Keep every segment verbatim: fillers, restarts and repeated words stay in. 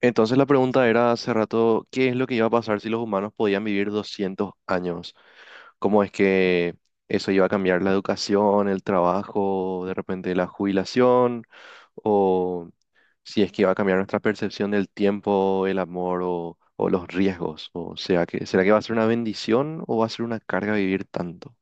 Entonces la pregunta era hace rato, ¿qué es lo que iba a pasar si los humanos podían vivir doscientos años? ¿Cómo es que eso iba a cambiar la educación, el trabajo, de repente la jubilación? ¿O si es que iba a cambiar nuestra percepción del tiempo, el amor o, o los riesgos? O sea, que ¿será que va a ser una bendición o va a ser una carga vivir tanto?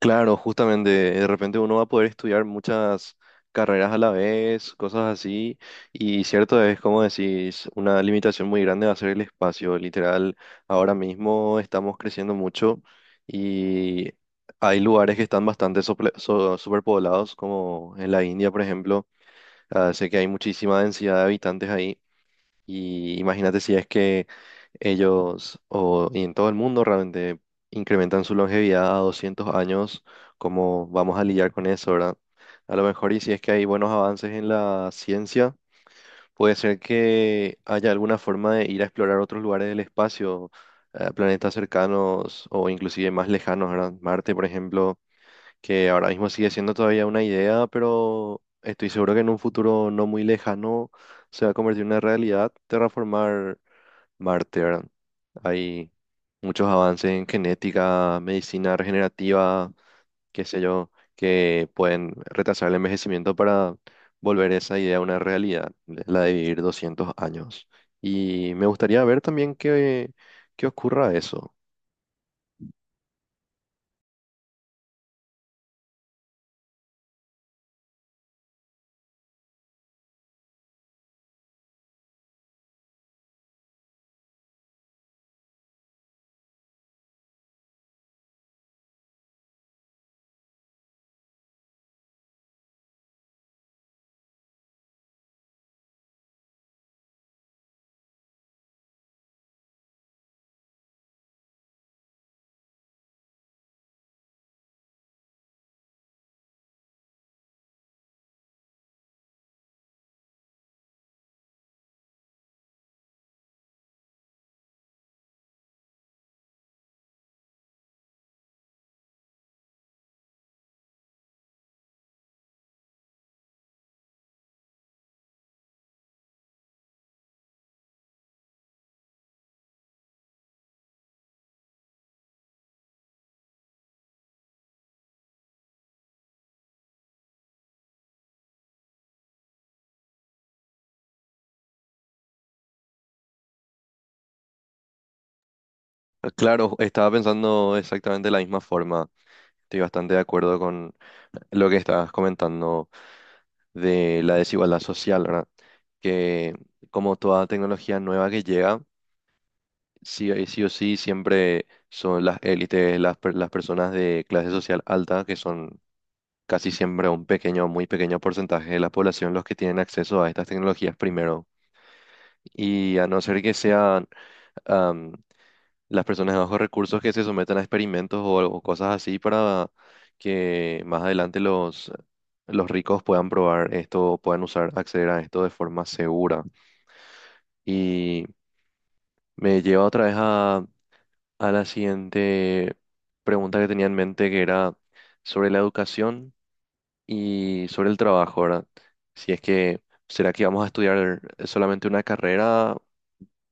Claro, justamente, de repente uno va a poder estudiar muchas carreras a la vez, cosas así, y cierto es, como decís, una limitación muy grande va a ser el espacio, literal, ahora mismo estamos creciendo mucho y hay lugares que están bastante sople- so- superpoblados, como en la India, por ejemplo. Ah, sé que hay muchísima densidad de habitantes ahí, y imagínate si es que ellos o y en todo el mundo realmente incrementan su longevidad a doscientos años. ¿Cómo vamos a lidiar con eso, verdad? A lo mejor, y si es que hay buenos avances en la ciencia, puede ser que haya alguna forma de ir a explorar otros lugares del espacio, eh, planetas cercanos o inclusive más lejanos, ¿verdad? Marte, por ejemplo, que ahora mismo sigue siendo todavía una idea, pero estoy seguro que en un futuro no muy lejano se va a convertir en una realidad terraformar Marte, ¿verdad? Hay muchos avances en genética, medicina regenerativa, qué sé yo, que pueden retrasar el envejecimiento para volver esa idea una realidad, la de vivir doscientos años. Y me gustaría ver también qué, qué ocurra eso. Claro, estaba pensando exactamente de la misma forma. Estoy bastante de acuerdo con lo que estabas comentando de la desigualdad social, ¿verdad? Que como toda tecnología nueva que llega, sí, eh, sí o sí siempre son las élites, las, per- las personas de clase social alta, que son casi siempre un pequeño, muy pequeño porcentaje de la población, los que tienen acceso a estas tecnologías primero. Y a no ser que sean las personas de bajos recursos que se sometan a experimentos o, o cosas así, para que más adelante los, los ricos puedan probar esto, puedan usar, acceder a esto de forma segura. Y me lleva otra vez a, a la siguiente pregunta que tenía en mente, que era sobre la educación y sobre el trabajo, ¿verdad? Si es que ¿será que vamos a estudiar solamente una carrera?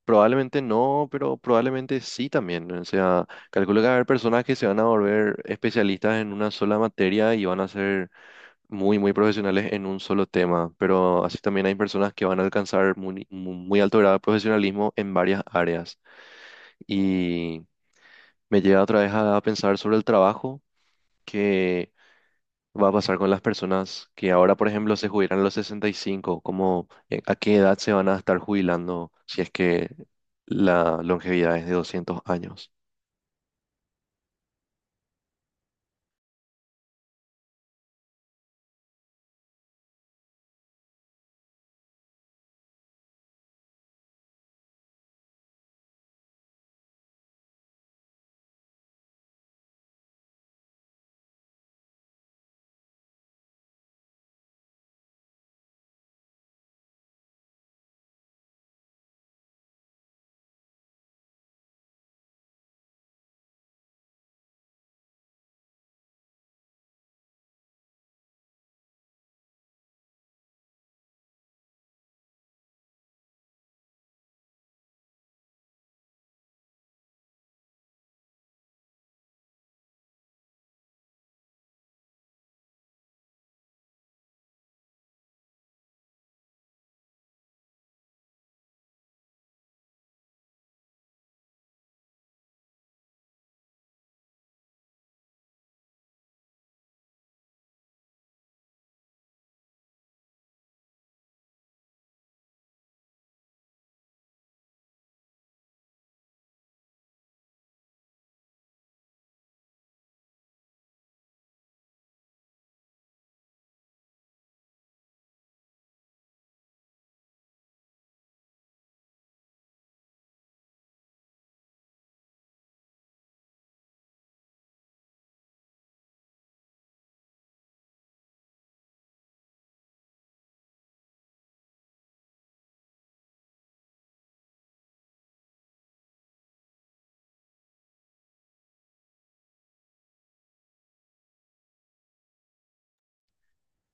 Probablemente no, pero probablemente sí también, ¿no? O sea, calculo que va a haber personas que se van a volver especialistas en una sola materia y van a ser muy, muy profesionales en un solo tema. Pero así también hay personas que van a alcanzar muy, mu- muy alto grado de profesionalismo en varias áreas. Y me lleva otra vez a pensar sobre el trabajo, que va a pasar con las personas que ahora, por ejemplo, se jubilan a los sesenta y cinco, como eh, ¿a qué edad se van a estar jubilando si es que la longevidad es de doscientos años?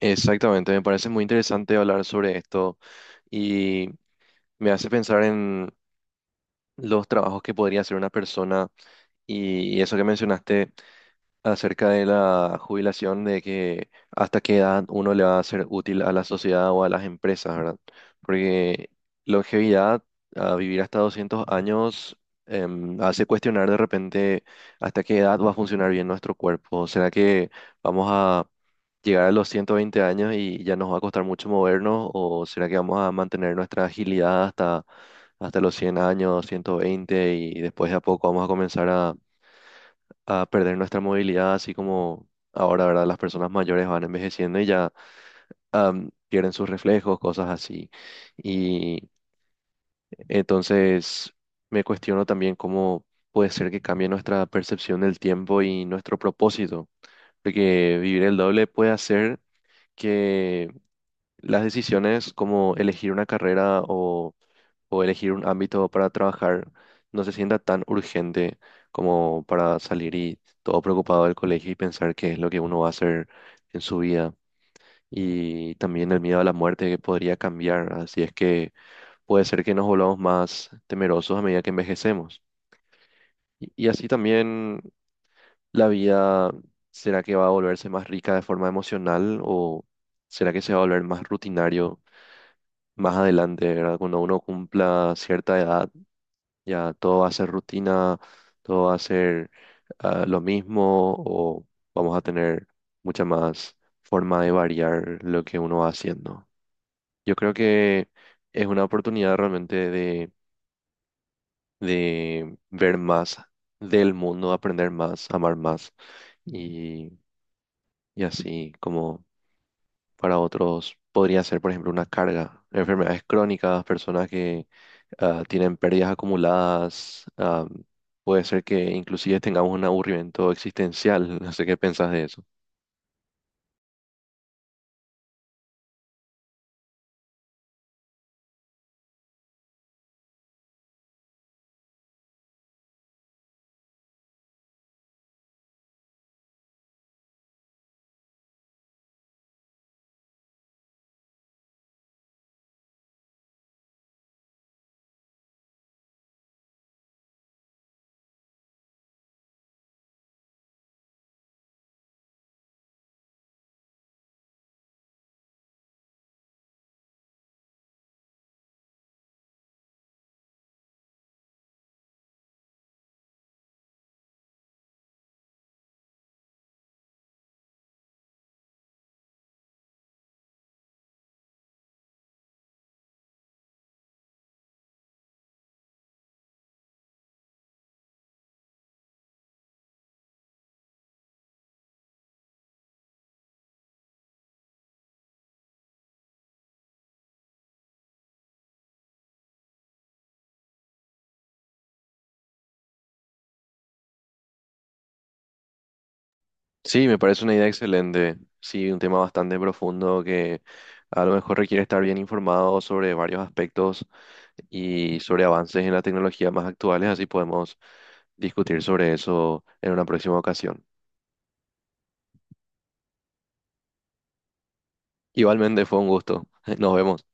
Exactamente, me parece muy interesante hablar sobre esto, y me hace pensar en los trabajos que podría hacer una persona, y eso que mencionaste acerca de la jubilación, de que hasta qué edad uno le va a ser útil a la sociedad o a las empresas, ¿verdad? Porque longevidad, a vivir hasta doscientos años, em, hace cuestionar de repente hasta qué edad va a funcionar bien nuestro cuerpo. ¿Será que vamos a llegar a los ciento veinte años y ya nos va a costar mucho movernos? ¿O será que vamos a mantener nuestra agilidad hasta, hasta los cien años, ciento veinte, y después de a poco vamos a comenzar a a perder nuestra movilidad, así como ahora, ¿verdad? Las personas mayores van envejeciendo y ya am, pierden sus reflejos, cosas así. Y entonces me cuestiono también cómo puede ser que cambie nuestra percepción del tiempo y nuestro propósito, porque vivir el doble puede hacer que las decisiones, como elegir una carrera o o elegir un ámbito para trabajar, no se sienta tan urgente como para salir y todo preocupado del colegio y pensar qué es lo que uno va a hacer en su vida. Y también el miedo a la muerte que podría cambiar, así es que puede ser que nos volvamos más temerosos a medida que envejecemos. Y, y así también la vida, ¿será que va a volverse más rica de forma emocional, o será que se va a volver más rutinario más adelante? ¿Verdad? Cuando uno cumpla cierta edad, ya todo va a ser rutina, todo va a ser ah, lo mismo, o vamos a tener mucha más forma de variar lo que uno va haciendo. Yo creo que es una oportunidad realmente de, de ver más del mundo, aprender más, amar más. Y y así como para otros podría ser, por ejemplo, una carga, enfermedades crónicas, personas ah, tienen pérdidas acumuladas, ah, puede ser que inclusive tengamos un aburrimiento existencial, no sé qué pensás de eso. Sí, me parece una idea excelente, sí, un tema bastante profundo que a lo mejor requiere estar bien informado sobre varios aspectos y sobre avances en la tecnología más actuales, así podemos discutir sobre eso en una próxima ocasión. Igualmente fue un gusto, nos vemos.